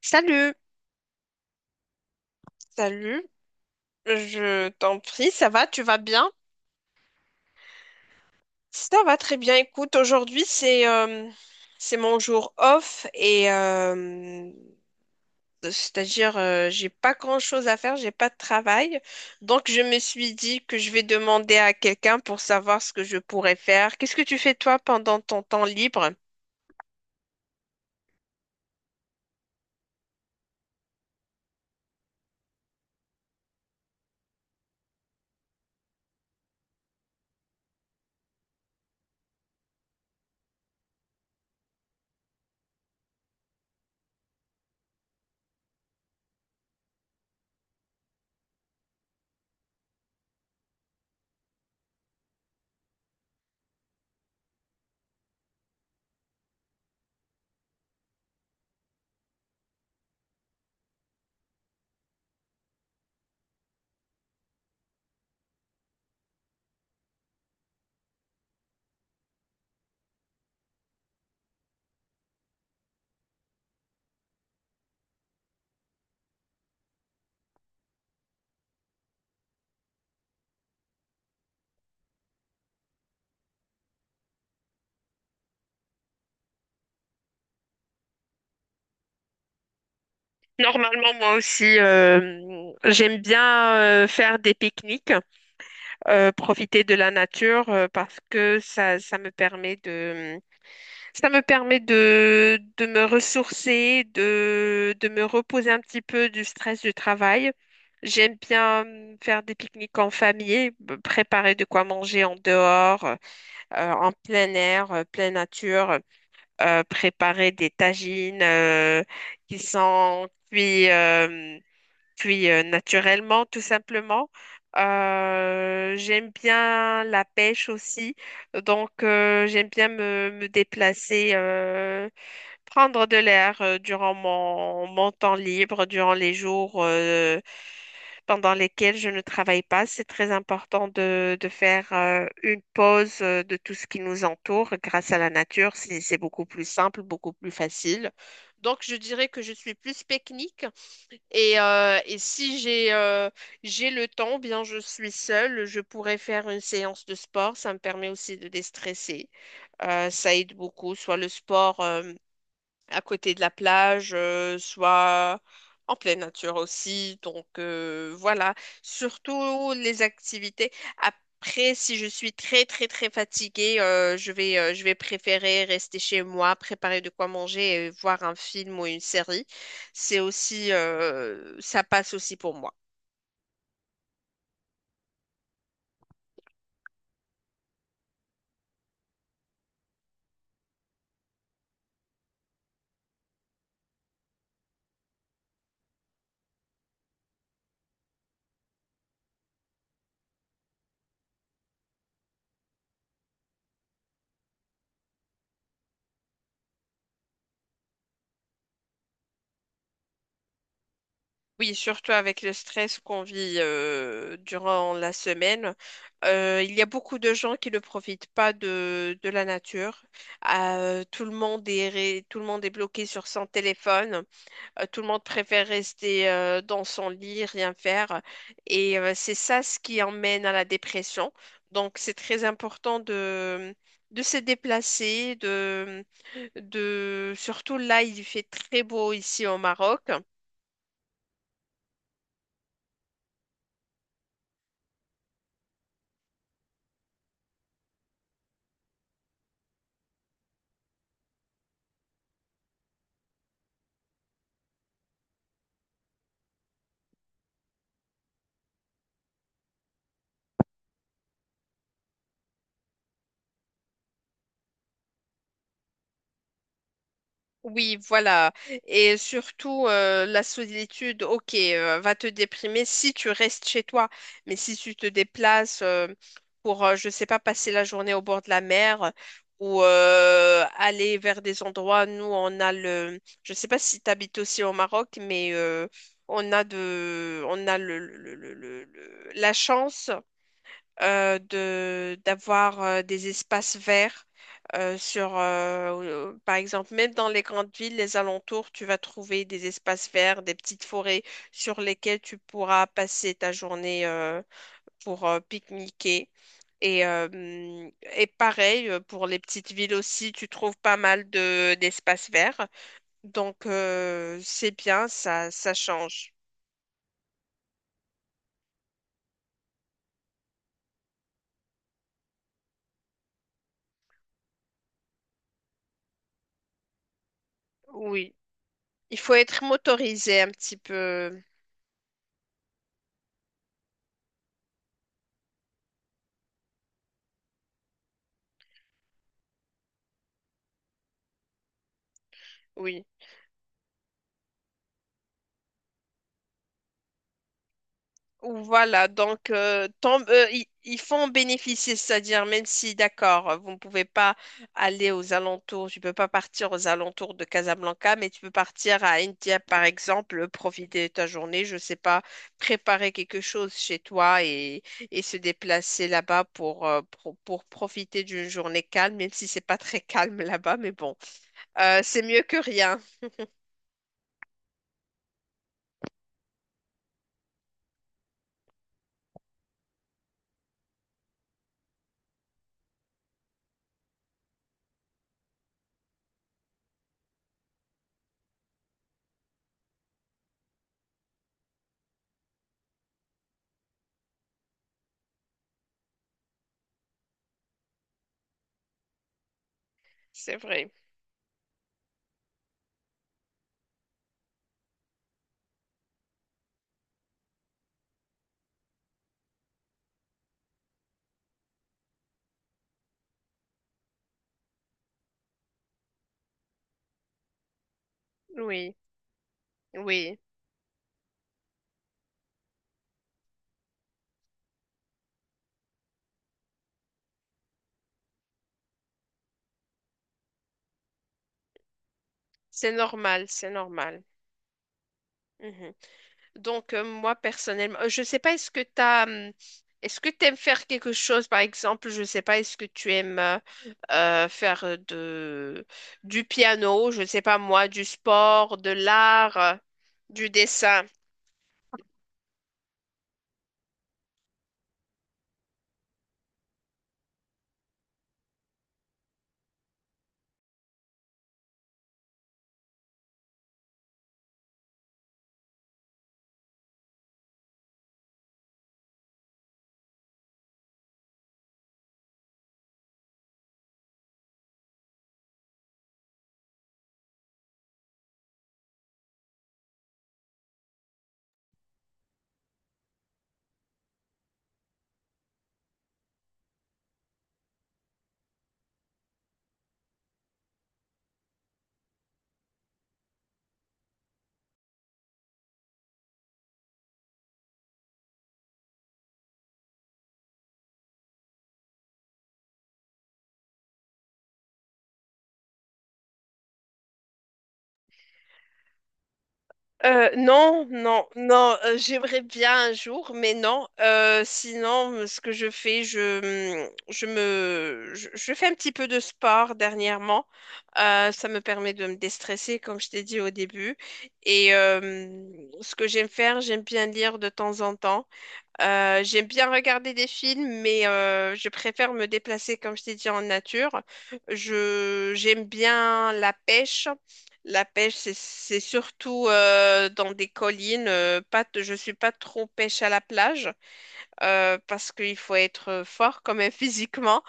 Salut, salut, je t'en prie, ça va, tu vas bien? Ça va très bien, écoute, aujourd'hui c'est mon jour off et c'est-à-dire j'ai pas grand-chose à faire, j'ai pas de travail, donc je me suis dit que je vais demander à quelqu'un pour savoir ce que je pourrais faire. Qu'est-ce que tu fais toi pendant ton temps libre? Normalement, moi aussi, j'aime bien faire des pique-niques. Profiter de la nature parce que ça me permet ça me permet de me ressourcer, de me reposer un petit peu du stress du travail. J'aime bien faire des pique-niques en famille, préparer de quoi manger en dehors, en plein air, pleine nature, préparer des tagines qui sont cuits. Puis naturellement, tout simplement. J'aime bien la pêche aussi, donc j'aime bien me déplacer, prendre de l'air durant mon temps libre, durant les jours pendant lesquels je ne travaille pas. C'est très important de faire une pause de tout ce qui nous entoure grâce à la nature. C'est beaucoup plus simple, beaucoup plus facile. Donc je dirais que je suis plus technique et et si j'ai le temps, bien je suis seule, je pourrais faire une séance de sport. Ça me permet aussi de déstresser. Ça aide beaucoup, soit le sport. À côté de la plage, soit en pleine nature aussi. Voilà, surtout les activités. Après, si je suis très très très fatiguée, je vais je vais préférer rester chez moi, préparer de quoi manger et voir un film ou une série. C'est aussi, ça passe aussi pour moi. Oui, surtout avec le stress qu'on vit durant la semaine. Il y a beaucoup de gens qui ne profitent pas de la nature. Tout le monde tout le monde est bloqué sur son téléphone. Tout le monde préfère rester dans son lit, rien faire. Et c'est ça ce qui emmène à la dépression. Donc, c'est très important de se déplacer, surtout là, il fait très beau ici au Maroc. Oui, voilà. Et surtout, la solitude, ok, va te déprimer si tu restes chez toi. Mais si tu te déplaces pour, je sais pas, passer la journée au bord de la mer ou aller vers des endroits, nous, on a le... Je sais pas si tu habites aussi au Maroc, mais on a de... on a la chance de d'avoir des espaces verts euh, sur, euh, par exemple, même dans les grandes villes, les alentours, tu vas trouver des espaces verts, des petites forêts sur lesquelles tu pourras passer ta journée pour pique-niquer. Et pareil, pour les petites villes aussi, tu trouves pas mal de d'espaces verts. Donc, c'est bien, ça change. Oui, il faut être motorisé un petit peu. Oui. Voilà, donc ils font bénéficier, c'est-à-dire même si, d'accord, vous ne pouvez pas aller aux alentours, tu peux pas partir aux alentours de Casablanca, mais tu peux partir à India, par exemple, profiter de ta journée, je sais pas, préparer quelque chose chez toi et se déplacer là-bas pour, pour profiter d'une journée calme, même si c'est pas très calme là-bas, mais bon, euh, c'est mieux que rien, c'est vrai. Oui, oui, c'est normal, c'est normal. Mhm. Donc, moi, personnellement, je sais pas, est-ce que t'as, est-ce que t'aimes faire quelque chose, par exemple, je sais pas, est-ce que tu aimes faire du piano, je sais pas moi, du sport, de l'art, du dessin? Non, j'aimerais bien un jour, mais non. Sinon, ce que je fais, je, mm, je me, je fais un petit peu de sport dernièrement. Ça me permet de me déstresser, comme je t'ai dit au début. Et mm, ce que j'aime faire, j'aime bien lire de temps en temps. J'aime bien regarder des films, mais je préfère me déplacer, comme je t'ai dit, en nature. J'aime bien la pêche. La pêche, c'est surtout dans des collines. Pas, t- Je suis pas trop pêche à la plage parce qu'il faut être fort quand même physiquement.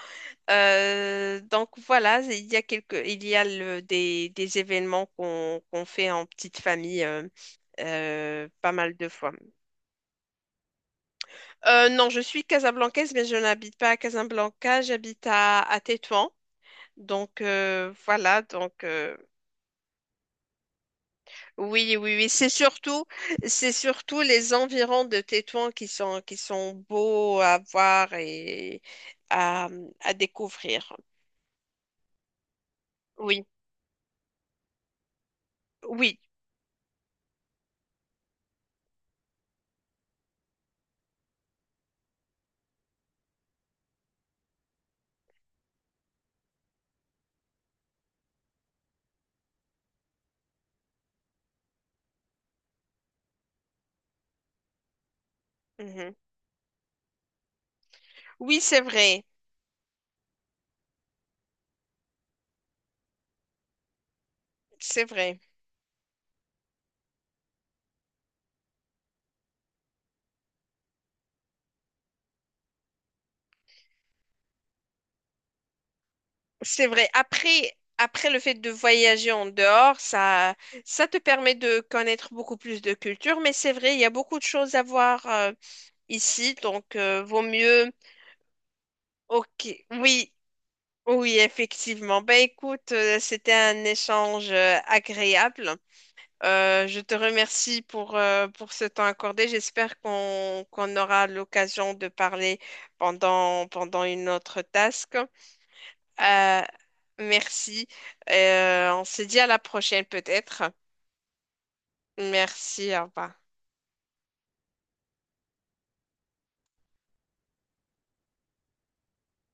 Donc voilà, il y a quelques, il y a le- des événements qu'on fait en petite famille pas mal de fois. Non, je suis casablancaise, mais je n'habite pas à Casablanca, j'habite à Tétouan. Donc voilà, donc oui, c'est surtout les environs de Tétouan qui qui sont beaux à voir et à, à découvrir. Oui, oui, mhm. Oui, c'est vrai, c'est vrai. Après, après le fait de voyager en dehors, ça te permet de connaître beaucoup plus de culture, mais c'est vrai, il y a beaucoup de choses à voir. Ici, donc vaut mieux. Ok, oui, effectivement. Ben écoute, c'était un échange agréable. Je te remercie pour ce temps accordé. J'espère qu'on aura l'occasion de parler pendant une autre task. Euh, merci. On se dit à la prochaine peut-être. Merci, au revoir.